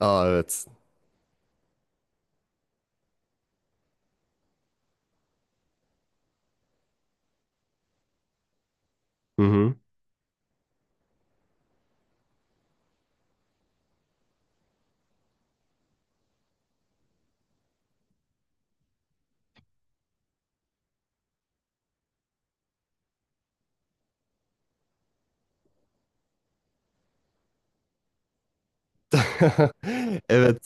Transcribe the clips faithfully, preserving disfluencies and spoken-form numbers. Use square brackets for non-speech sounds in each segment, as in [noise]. Aa, evet. Hı hı. [laughs] Evet.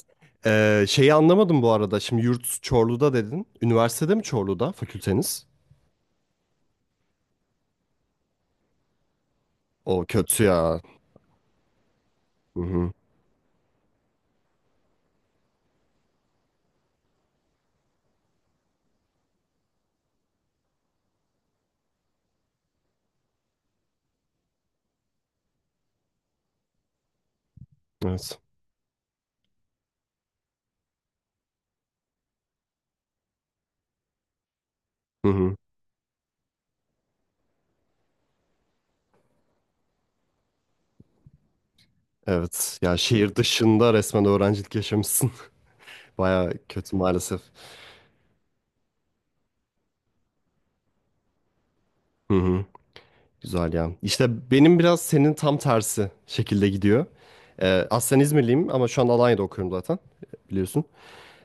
Ee, şeyi anlamadım bu arada. Şimdi yurt Çorlu'da dedin. Üniversitede mi Çorlu'da fakülteniz? O kötü ya. Hı hı. Evet. Hı hı. Evet. Ya şehir dışında resmen öğrencilik yaşamışsın. [laughs] Baya kötü maalesef. Hı hı. Güzel ya. İşte benim biraz senin tam tersi şekilde gidiyor. Ee, aslen İzmirliyim ama şu an Alanya'da okuyorum zaten biliyorsun.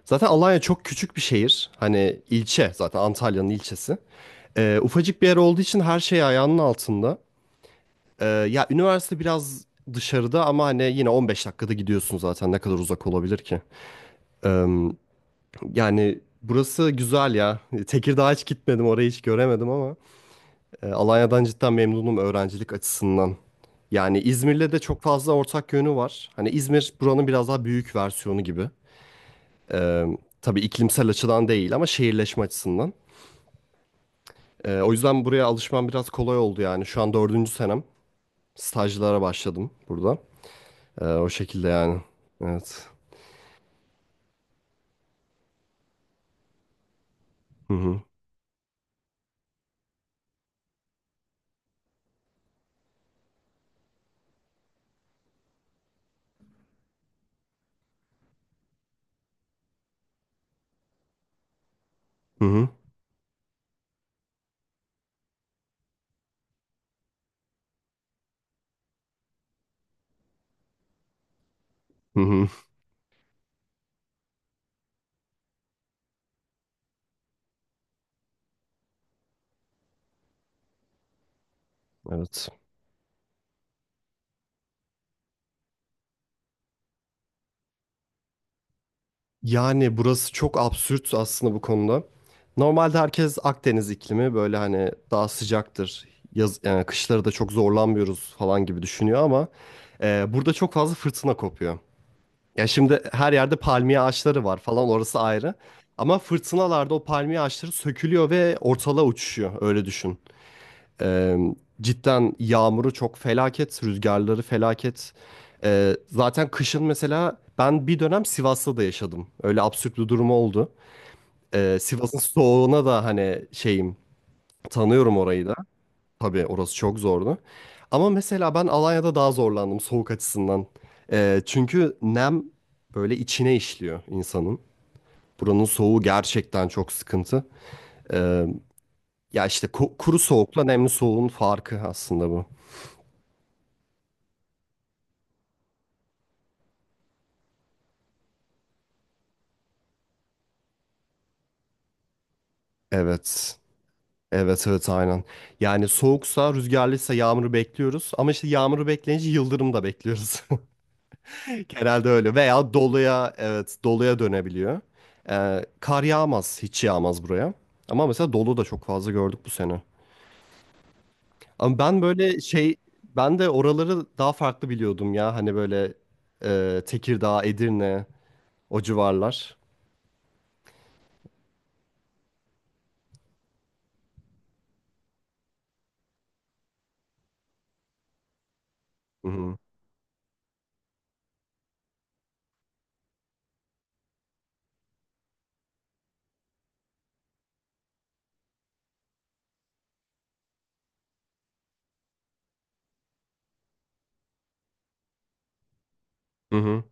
Zaten Alanya çok küçük bir şehir. Hani ilçe zaten Antalya'nın ilçesi. Ee, ufacık bir yer olduğu için her şey ayağının altında. Ee, ya üniversite biraz dışarıda ama hani yine on beş dakikada gidiyorsun, zaten ne kadar uzak olabilir ki? Ee, Yani burası güzel ya. Tekirdağ'a hiç gitmedim, orayı hiç göremedim ama e, Alanya'dan cidden memnunum öğrencilik açısından. Yani İzmir'le de çok fazla ortak yönü var. Hani İzmir buranın biraz daha büyük versiyonu gibi. Ee, tabii iklimsel açıdan değil ama şehirleşme açısından. Ee, o yüzden buraya alışmam biraz kolay oldu yani. Şu an dördüncü senem. Stajlara başladım burada. Ee, o şekilde yani. Evet. Hı hı. Hı hı. Hı hı. Evet. Yani burası çok absürt aslında bu konuda. Normalde herkes Akdeniz iklimi böyle hani daha sıcaktır. Yaz, yani kışları da çok zorlanmıyoruz falan gibi düşünüyor ama e, burada çok fazla fırtına kopuyor. Ya şimdi her yerde palmiye ağaçları var falan, orası ayrı. Ama fırtınalarda o palmiye ağaçları sökülüyor ve ortalığa uçuşuyor, öyle düşün. Ee, Cidden yağmuru çok felaket, rüzgarları felaket. Ee, zaten kışın mesela ben bir dönem Sivas'ta da yaşadım. Öyle absürt bir durum oldu. Ee, Sivas'ın soğuğuna da hani şeyim, tanıyorum orayı da. Tabii orası çok zordu. Ama mesela ben Alanya'da daha zorlandım soğuk açısından. Ee, çünkü nem böyle içine işliyor insanın. Buranın soğuğu gerçekten çok sıkıntı. Ee, Ya işte ku- kuru soğukla nemli soğuğun farkı aslında bu. Evet. Evet, evet, aynen. Yani soğuksa, rüzgarlıysa yağmuru bekliyoruz. Ama işte yağmuru bekleyince yıldırım da bekliyoruz. [laughs] [laughs] Genelde öyle, veya doluya, evet, doluya dönebiliyor. Ee, kar yağmaz, hiç yağmaz buraya. Ama mesela dolu da çok fazla gördük bu sene. Ama ben böyle şey, ben de oraları daha farklı biliyordum ya, hani böyle e, Tekirdağ, Edirne, o civarlar. Hı hı. Hı hı.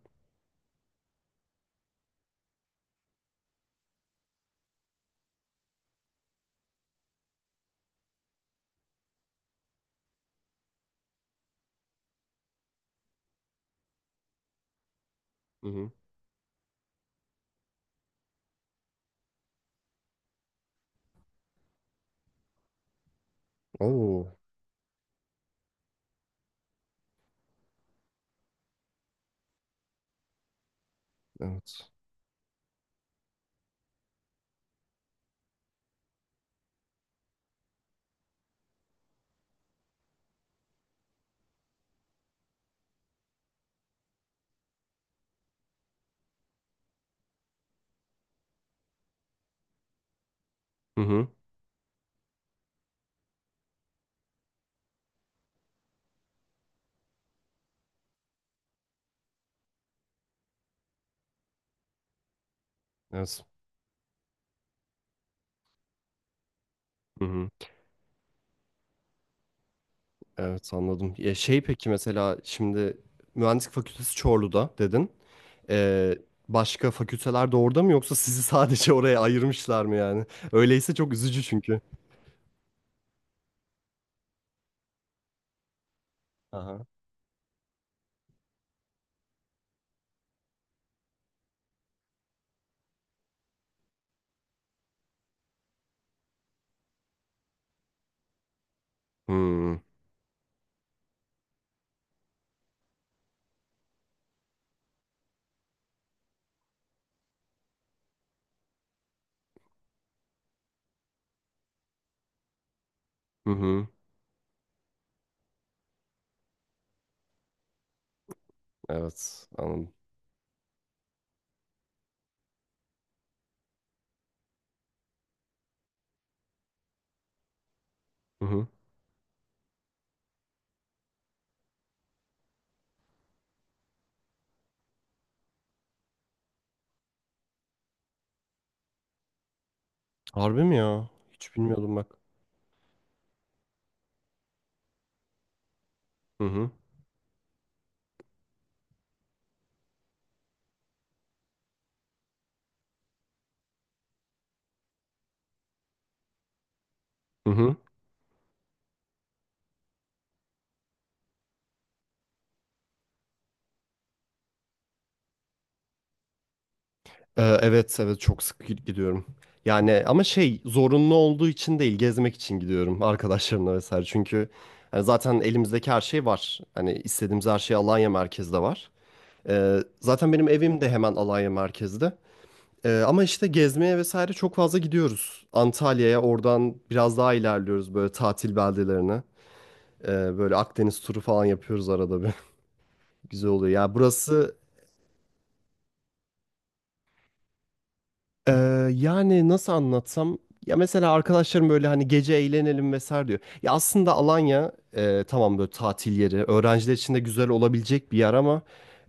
Hı hı. Oo, evet. Hı hı. Evet. Hı hı. Evet, anladım. Ya şey, peki mesela şimdi mühendislik fakültesi Çorlu'da dedin. Ee, Başka fakülteler de orada mı, yoksa sizi [laughs] sadece oraya ayırmışlar mı yani? Öyleyse çok üzücü çünkü. Aha. Hmm. Hı hı. Evet, anladım. Hı hı. Harbi mi ya? Hiç bilmiyordum bak. Hı hı. Hı hı. Ee, evet, evet, çok sık gi- gidiyorum. Yani ama şey, zorunlu olduğu için değil, gezmek için gidiyorum arkadaşlarımla vesaire. Çünkü hani zaten elimizdeki her şey var. Hani istediğimiz her şey Alanya merkezde var. Ee, zaten benim evim de hemen Alanya merkezde. Ee, ama işte gezmeye vesaire çok fazla gidiyoruz. Antalya'ya, oradan biraz daha ilerliyoruz böyle tatil beldelerine. Ee, böyle Akdeniz turu falan yapıyoruz arada bir. [laughs] Güzel oluyor. Ya burası, Ee, yani nasıl anlatsam, ya mesela arkadaşlarım böyle hani gece eğlenelim vesaire diyor. Ya aslında Alanya e, tamam böyle tatil yeri, öğrenciler için de güzel olabilecek bir yer ama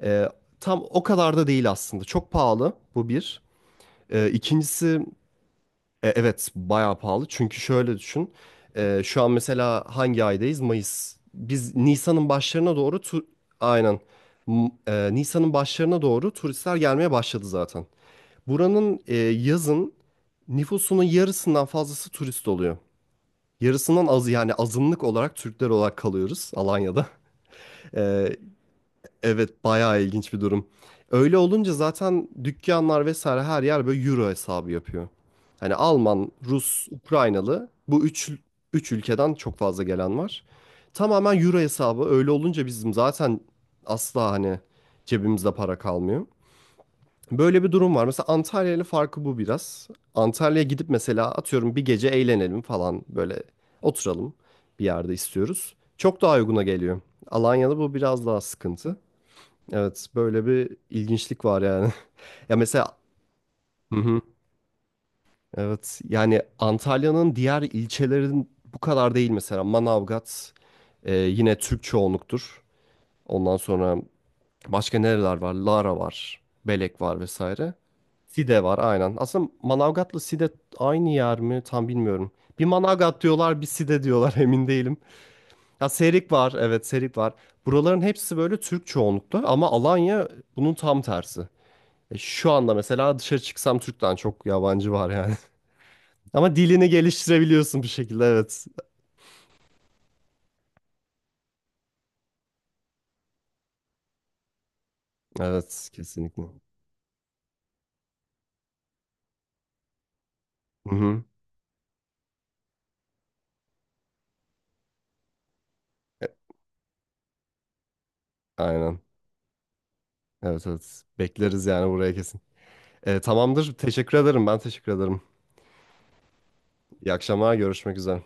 e, tam o kadar da değil aslında. Çok pahalı, bu bir. E, ikincisi e, evet, bayağı pahalı, çünkü şöyle düşün. E, şu an mesela hangi aydayız? Mayıs. Biz Nisan'ın başlarına doğru tu- aynen, M- e, Nisan'ın başlarına doğru turistler gelmeye başladı zaten. Buranın e, yazın nüfusunun yarısından fazlası turist oluyor. Yarısından azı, yani azınlık olarak Türkler olarak kalıyoruz Alanya'da. [laughs] E, evet, bayağı ilginç bir durum. Öyle olunca zaten dükkanlar vesaire, her yer böyle euro hesabı yapıyor. Hani Alman, Rus, Ukraynalı, bu üç, üç ülkeden çok fazla gelen var. Tamamen euro hesabı, öyle olunca bizim zaten asla hani cebimizde para kalmıyor. Böyle bir durum var. Mesela Antalya ile farkı bu biraz. Antalya'ya gidip mesela, atıyorum, bir gece eğlenelim falan, böyle oturalım bir yerde istiyoruz. Çok daha uyguna geliyor. Alanya'da bu biraz daha sıkıntı. Evet, böyle bir ilginçlik var yani. [laughs] Ya mesela, hı hı, evet, yani Antalya'nın diğer ilçelerin bu kadar değil, mesela Manavgat e, yine Türk çoğunluktur. Ondan sonra başka nereler var? Lara var. Belek var vesaire. Side var, aynen. Aslında Manavgat'la Side aynı yer mi? Tam bilmiyorum. Bir Manavgat diyorlar, bir Side diyorlar, [laughs] emin değilim. Ya Serik var, evet, Serik var. Buraların hepsi böyle Türk çoğunlukta, ama Alanya bunun tam tersi. E, şu anda mesela dışarı çıksam Türk'ten çok yabancı var yani. [laughs] Ama dilini geliştirebiliyorsun bir şekilde, evet. Evet, kesinlikle. Hı hı. E, Aynen. Evet, evet. Bekleriz yani buraya, kesin. E, tamamdır. Teşekkür ederim. Ben teşekkür ederim. İyi akşamlar. Görüşmek üzere.